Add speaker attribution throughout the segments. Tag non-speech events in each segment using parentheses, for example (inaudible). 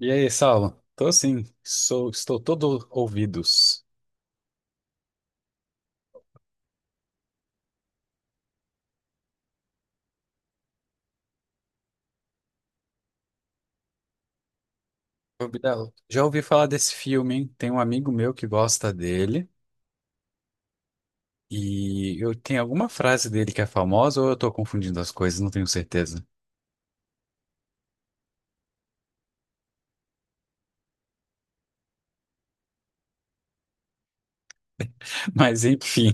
Speaker 1: E aí, Saulo? Tô sim, estou todo ouvidos. Gabriel, já ouvi falar desse filme, hein? Tem um amigo meu que gosta dele e eu tenho alguma frase dele que é famosa ou eu tô confundindo as coisas, não tenho certeza. (laughs) Mas enfim,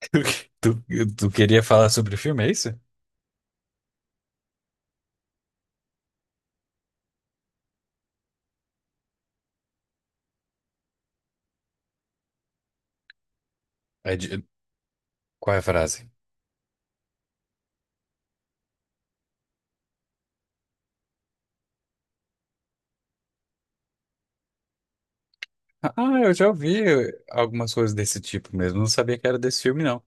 Speaker 1: (laughs) tu, tu queria falar sobre o filme, é isso? É de- qual é a frase? Ah, eu já ouvi algumas coisas desse tipo mesmo, não sabia que era desse filme, não.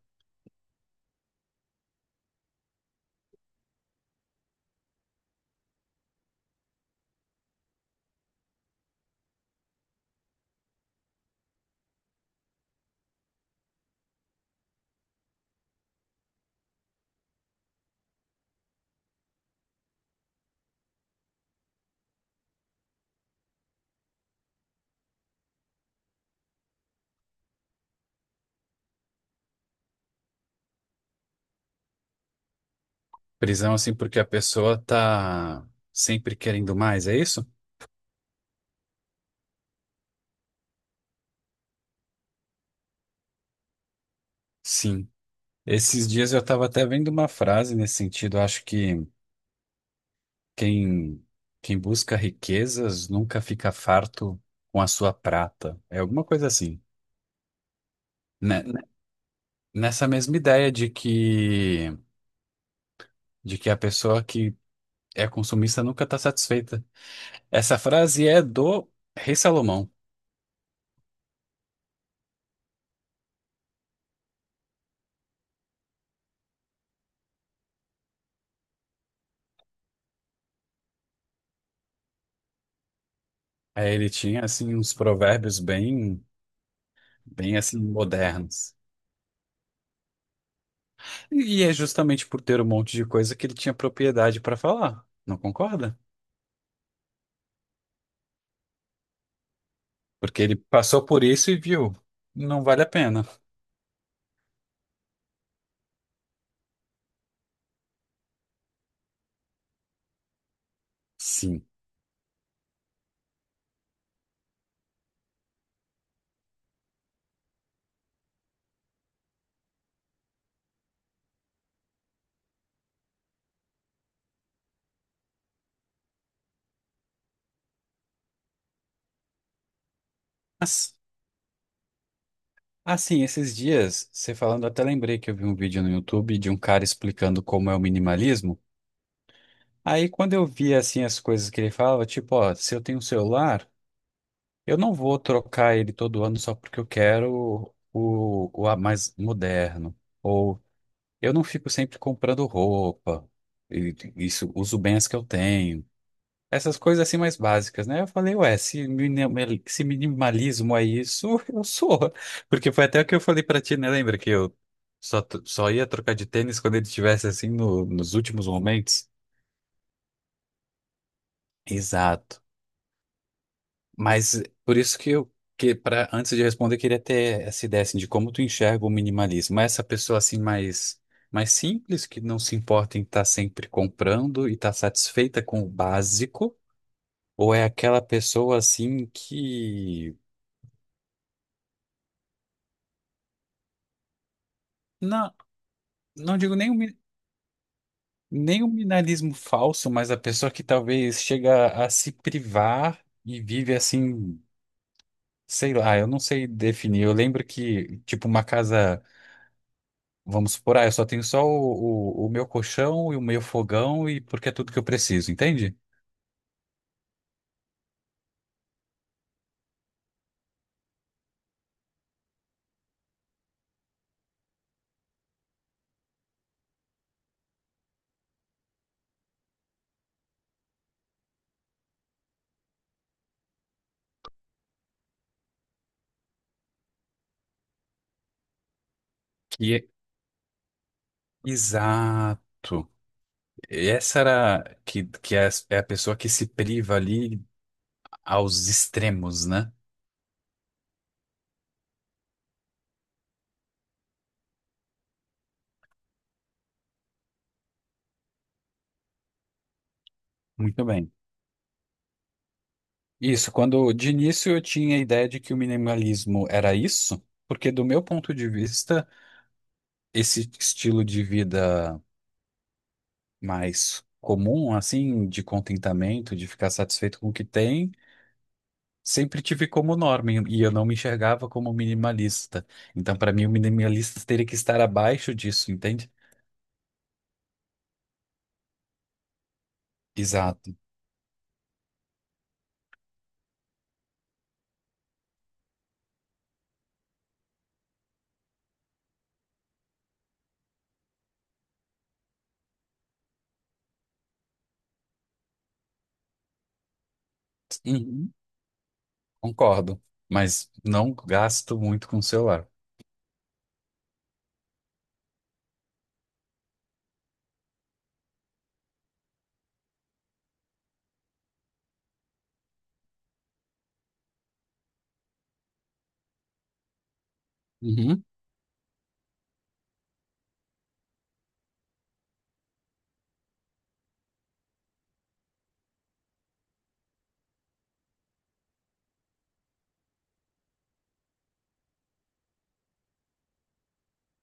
Speaker 1: Prisão assim porque a pessoa tá sempre querendo mais, é isso? Sim. Esses dias eu estava até vendo uma frase nesse sentido. Eu acho que quem, quem busca riquezas nunca fica farto com a sua prata. É alguma coisa assim. Né? Nessa mesma ideia de de que a pessoa que é consumista nunca está satisfeita. Essa frase é do Rei Salomão. Aí ele tinha assim uns provérbios bem, bem assim modernos. E é justamente por ter um monte de coisa que ele tinha propriedade para falar. Não concorda? Porque ele passou por isso e viu, não vale a pena. Sim. Mas, assim, esses dias, você falando, eu até lembrei que eu vi um vídeo no YouTube de um cara explicando como é o minimalismo. Aí, quando eu vi, assim, as coisas que ele falava, tipo, ó, se eu tenho um celular, eu não vou trocar ele todo ano só porque eu quero mais moderno. Ou eu não fico sempre comprando roupa. E, isso, uso bem as que eu tenho. Essas coisas assim mais básicas, né? Eu falei, ué, se, se minimalismo é isso, (laughs) eu sou. Porque foi até o que eu falei pra ti, né? Lembra que eu só ia trocar de tênis quando ele estivesse assim nos últimos momentos? Exato. Mas por isso que para antes de responder, eu queria ter essa ideia assim, de como tu enxerga o minimalismo. Essa pessoa assim mais simples, que não se importa em estar sempre comprando e estar satisfeita com o básico, ou é aquela pessoa assim que não? Não digo nem nem o minimalismo falso, mas a pessoa que talvez chega a se privar e vive assim, sei lá, eu não sei definir. Eu lembro que, tipo, uma casa, vamos supor, ah, eu só tenho só o meu colchão e o meu fogão e porque é tudo que eu preciso, entende? Que é- Exato. Essa era que é a pessoa que se priva ali aos extremos, né? Muito bem. Isso, quando de início eu tinha a ideia de que o minimalismo era isso, porque do meu ponto de vista, esse estilo de vida mais comum, assim, de contentamento, de ficar satisfeito com o que tem, sempre tive como norma e eu não me enxergava como minimalista. Então, para mim, o minimalista teria que estar abaixo disso, entende? Exato. Uhum, concordo, mas não gasto muito com o celular. Uhum.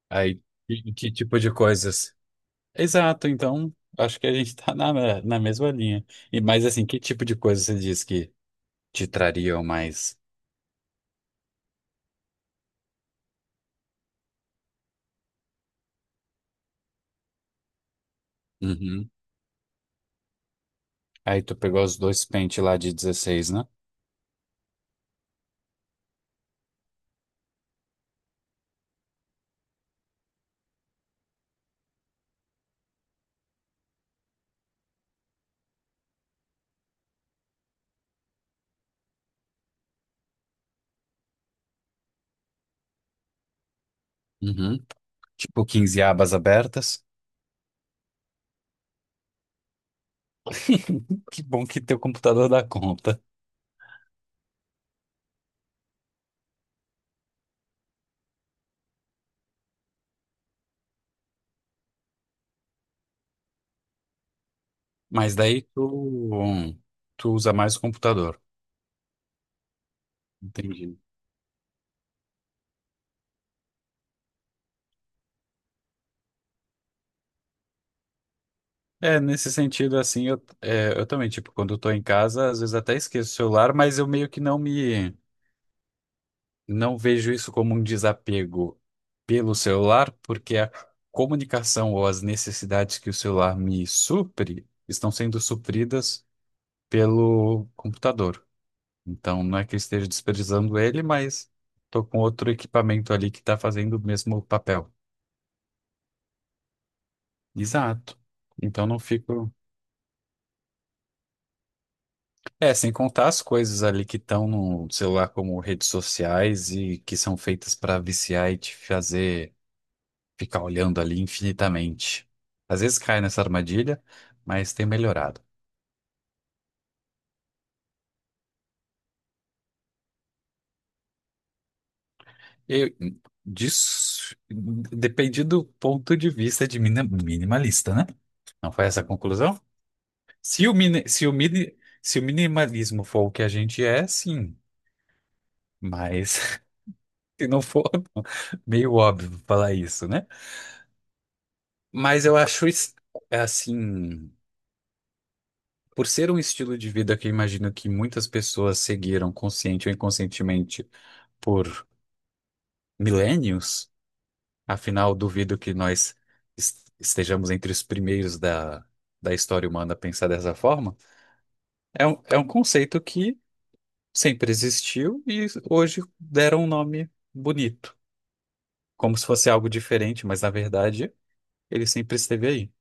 Speaker 1: Aí, que tipo de coisas? Exato, então acho que a gente tá na mesma linha. E mas assim, que tipo de coisa você diz que te trariam mais? Uhum. Aí tu pegou os dois pentes lá de 16, né? Uhum. Tipo 15 abas abertas. (laughs) Que bom que teu computador dá conta. Mas daí tu usa mais o computador. Entendi. É, nesse sentido, assim, eu também, tipo, quando eu tô em casa, às vezes até esqueço o celular, mas eu meio que não me. Não vejo isso como um desapego pelo celular, porque a comunicação ou as necessidades que o celular me supre estão sendo supridas pelo computador. Então, não é que eu esteja desprezando ele, mas estou com outro equipamento ali que está fazendo o mesmo papel. Exato. Então, não fico. É, sem contar as coisas ali que estão no celular, como redes sociais e que são feitas para viciar e te fazer ficar olhando ali infinitamente. Às vezes cai nessa armadilha, mas tem melhorado. Eu, disso, depende do ponto de vista de minimalista, né? Não foi essa a conclusão? Se se o minimalismo for o que a gente é, sim. Mas (laughs) se não for, (laughs) não. Meio óbvio falar isso, né? Mas eu acho es- É assim, por ser um estilo de vida que eu imagino que muitas pessoas seguiram consciente ou inconscientemente por milênios? Afinal, duvido que estejamos entre os primeiros da história humana a pensar dessa forma. É um conceito que sempre existiu e hoje deram um nome bonito, como se fosse algo diferente, mas na verdade ele sempre esteve aí.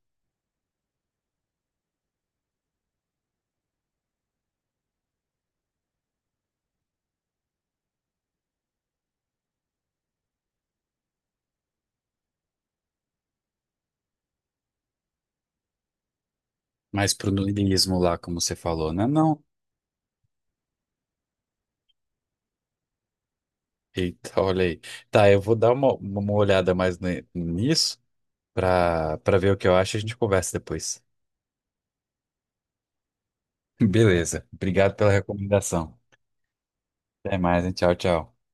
Speaker 1: Mas pro niilismo lá, como você falou, né? Não. Eita, olha aí. Tá, eu vou dar uma olhada mais nisso para ver o que eu acho e a gente conversa depois. (laughs) Beleza. Obrigado pela recomendação. Até mais, hein? Tchau, tchau.